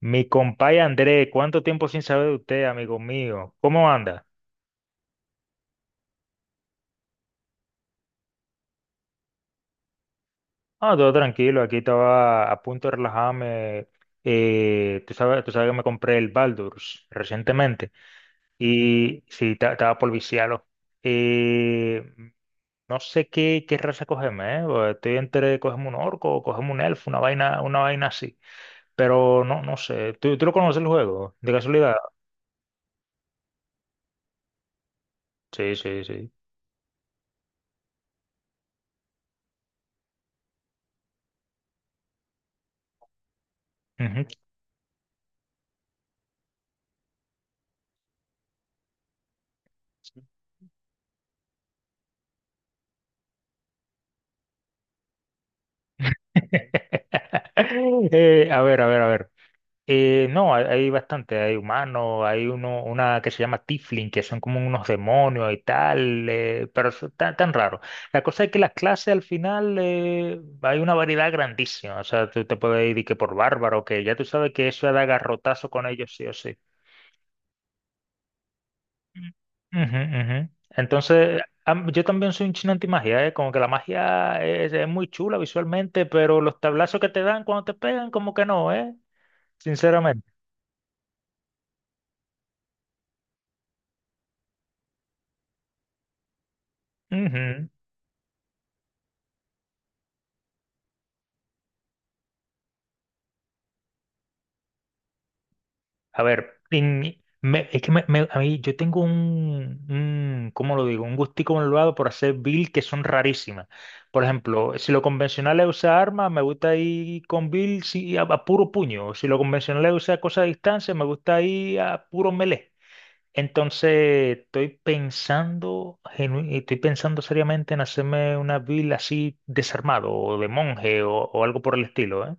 Mi compay André, ¿cuánto tiempo sin saber de usted, amigo mío? ¿Cómo anda? Ah, todo tranquilo, aquí estaba a punto de relajarme. Tú sabes que me compré el Baldur's recientemente y sí, estaba por viciarlo. Eh, no sé qué, qué raza cogerme, ¿eh? Porque estoy entre cogerme un orco o cogerme un elfo, una vaina así. Pero no, no sé. ¿Tú lo conoces el juego? ¿De casualidad? Sí, sí, sí. Ujú. A ver, a ver, a ver. No, hay bastante, hay humanos, hay uno, una que se llama Tiflin, que son como unos demonios y tal, pero eso tan, tan raro. La cosa es que las clases al final hay una variedad grandísima, o sea, tú te puedes ir y que por bárbaro, que ya tú sabes que eso da garrotazo con ellos sí o sí. Mm. Ujú, ujú. Entonces, yo también soy un chino antimagia, ¿eh? Como que la magia es muy chula visualmente, pero los tablazos que te dan cuando te pegan, como que no, ¿eh? Sinceramente. Ujú. A ver, es que a mí yo tengo un, ¿cómo lo digo? Un gustico malvado por hacer build que son rarísimas. Por ejemplo, si lo convencional es usar armas, me gusta ir con build sí, a puro puño. Si lo convencional es usar cosas a distancia, me gusta ir a puro melee. Entonces, estoy pensando, estoy pensando seriamente en hacerme una build así desarmado o de monje o algo por el estilo, ¿eh?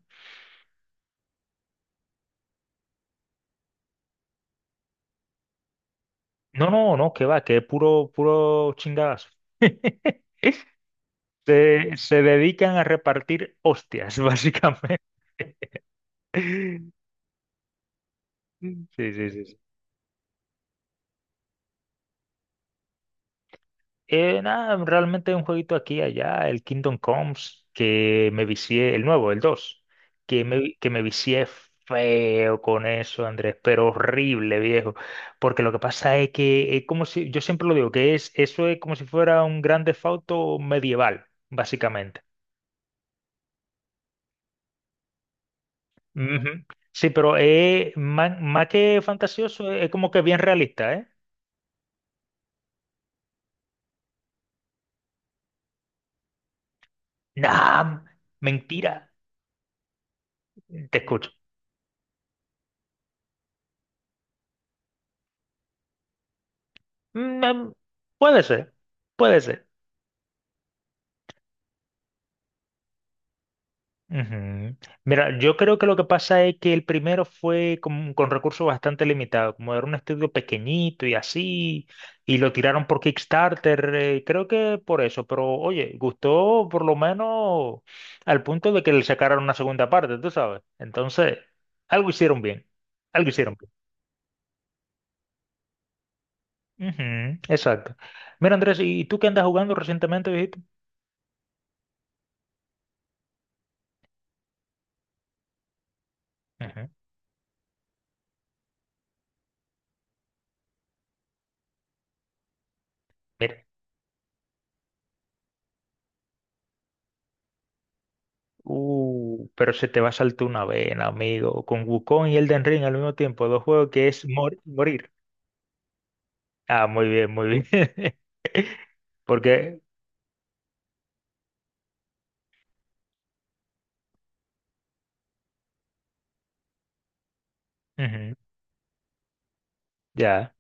No, no, no, que va, que es puro, puro chingadazo. Se dedican a repartir hostias, básicamente. Sí, sí, sí. Sí. Nada, realmente un jueguito aquí y allá, el Kingdom Comes, que me vicié, el nuevo, el 2, que me vicié feo con eso, Andrés, pero horrible, viejo. Porque lo que pasa es que es como si, yo siempre lo digo, que es, eso es como si fuera un gran Theft Auto medieval, básicamente. Ujú. Sí, pero es más, más que fantasioso, es como que bien realista, ¿eh? Nah, mentira. Te escucho. Mm, em, puede ser, puede ser. Ujú. Mira, yo creo que lo que pasa es que el primero fue con recursos bastante limitados, como era un estudio pequeñito y así, y lo tiraron por Kickstarter, creo que por eso, pero oye, gustó por lo menos al punto de que le sacaron una segunda parte, tú sabes. Entonces, algo hicieron bien, algo hicieron bien. Ujú, exacto. Mira, Andrés, ¿y tú qué andas jugando recientemente, dijiste? Ujú. Mira. Pero se te va a saltar una vena, amigo. Con Wukong y Elden Ring al mismo tiempo, dos juegos que es morir. Ah, muy bien, muy bien. Porque, ujú, ya.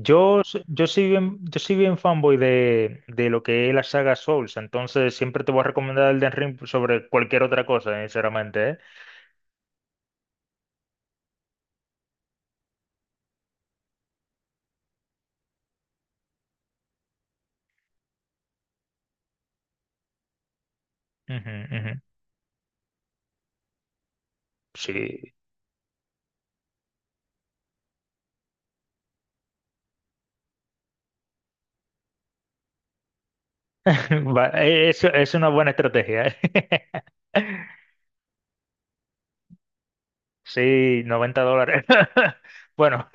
Yo soy bien fanboy de lo que es la saga Souls, entonces siempre te voy a recomendar Elden Ring sobre cualquier otra cosa, sinceramente, ¿eh? Ujú, ujú. Sí. Va, es una buena estrategia, ¿eh? Sí, $90. Bueno.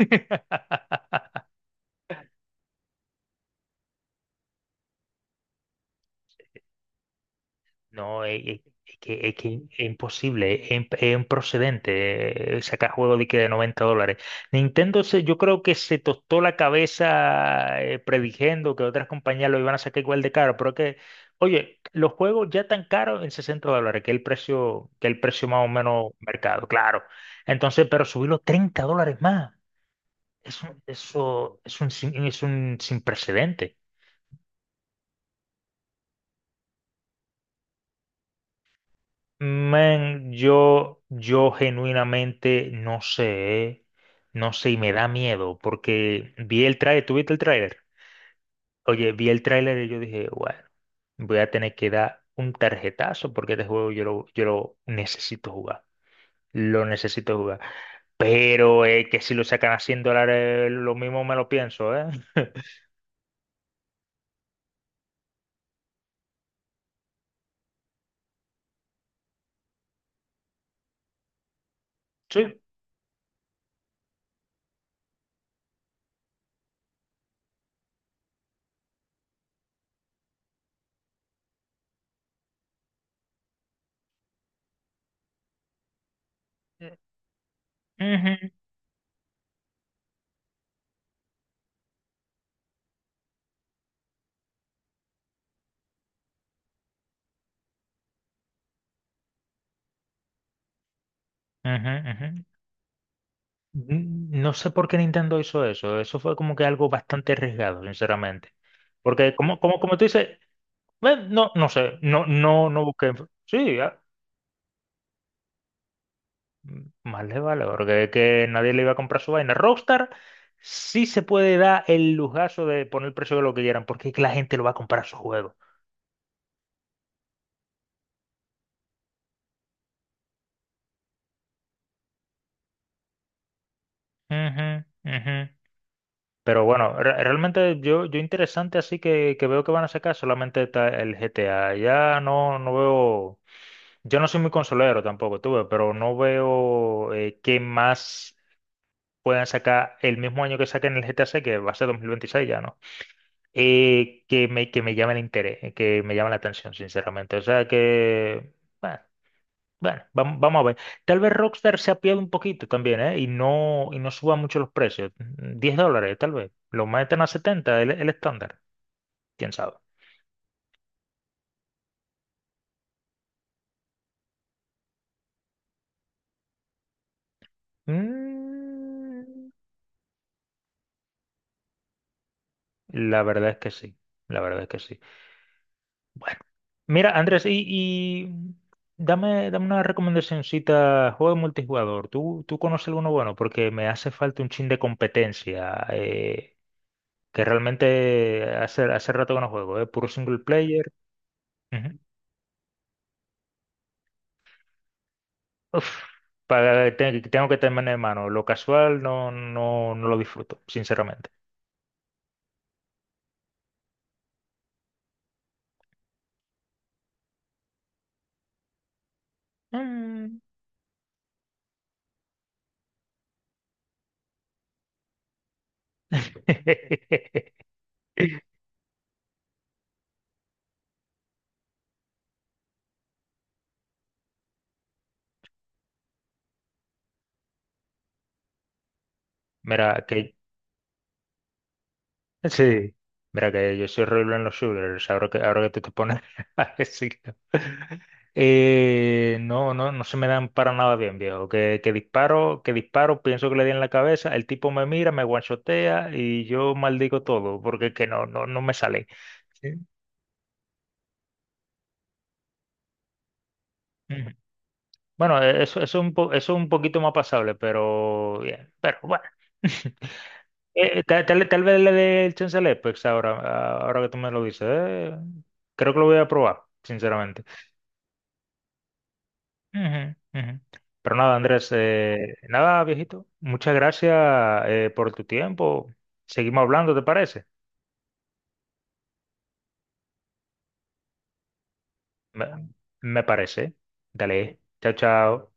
No, es que, es que es imposible, es improcedente sacar juegos de que de $90. Nintendo se, yo creo que se tostó la cabeza predigiendo que otras compañías lo iban a sacar igual de caro, pero que, oye, los juegos ya tan caros en $60, que es el precio, que es el precio más o menos mercado, claro. Entonces, pero subirlo $30 más, eso es un, es un sin precedente. Man, yo genuinamente no sé, eh. No sé, y me da miedo, porque vi el tráiler, ¿tú viste el tráiler? Oye, vi el tráiler y yo dije, bueno, voy a tener que dar un tarjetazo porque este juego yo lo necesito jugar, lo necesito jugar. Pero que si lo sacan a $100, lo mismo me lo pienso, ¿eh? Sí. Ujú, ujú, ujú. Mm, no sé por qué Nintendo hizo eso. Eso fue como que algo bastante arriesgado, sinceramente. Porque como, como, como tú dices, bueno, no, no sé, no, no, no busqué. Sí, ya, mm, más le vale, porque es que nadie le iba a comprar su vaina. Rockstar sí se puede dar el lujazo de poner el precio de lo que quieran, porque es que la gente lo va a comprar su juego. Ujú, ujú. Pero bueno, realmente yo, yo interesante así que veo que van a sacar solamente está el GTA. Ya no, no veo. Yo no soy muy consolero tampoco, tuve, pero no veo qué más puedan sacar el mismo año que saquen el GTA 6, que va a ser 2026 ya, ¿no? Que me, que me llame el interés, que me llame la atención, sinceramente. O sea que, bueno, bueno, vamos, a ver. Tal vez Rockstar se apiade un poquito también, ¿eh? Y no suba mucho los precios. $10, tal vez. Lo meten a 70 el estándar. ¿Quién sabe? Mm, la verdad es que sí, la verdad es que sí. Bueno. Mira, Andrés, y dame, dame una recomendacióncita, juego de multijugador. ¿Tú, tú conoces alguno bueno? Porque me hace falta un chin de competencia, que realmente hace, hace rato que no juego, es puro single player. Ujú. Uf, para, tengo que tener en mano. Lo casual no, no, no lo disfruto, sinceramente. Mm. Mira, que sí, mira que yo soy horrible en los shooters, ahora que tú te pones a decirlo. No, no, no se me dan para nada bien, viejo. Que disparo, pienso que le di en la cabeza, el tipo me mira, me guanchotea y yo maldigo todo, porque es que no, no, no me sale. Sí. Ujú. Bueno, e, eso, es un eso es un poquito más pasable, pero bien, pero bueno. Tal, tal vez le dé el chance al Apex ahora, ahora que tú me lo dices. Creo que lo voy a probar, sinceramente. Ujú, ujú. Pero nada, Andrés, nada, viejito. Muchas gracias por tu tiempo. Seguimos hablando, ¿te parece? Me, me parece. Dale, chao, chao.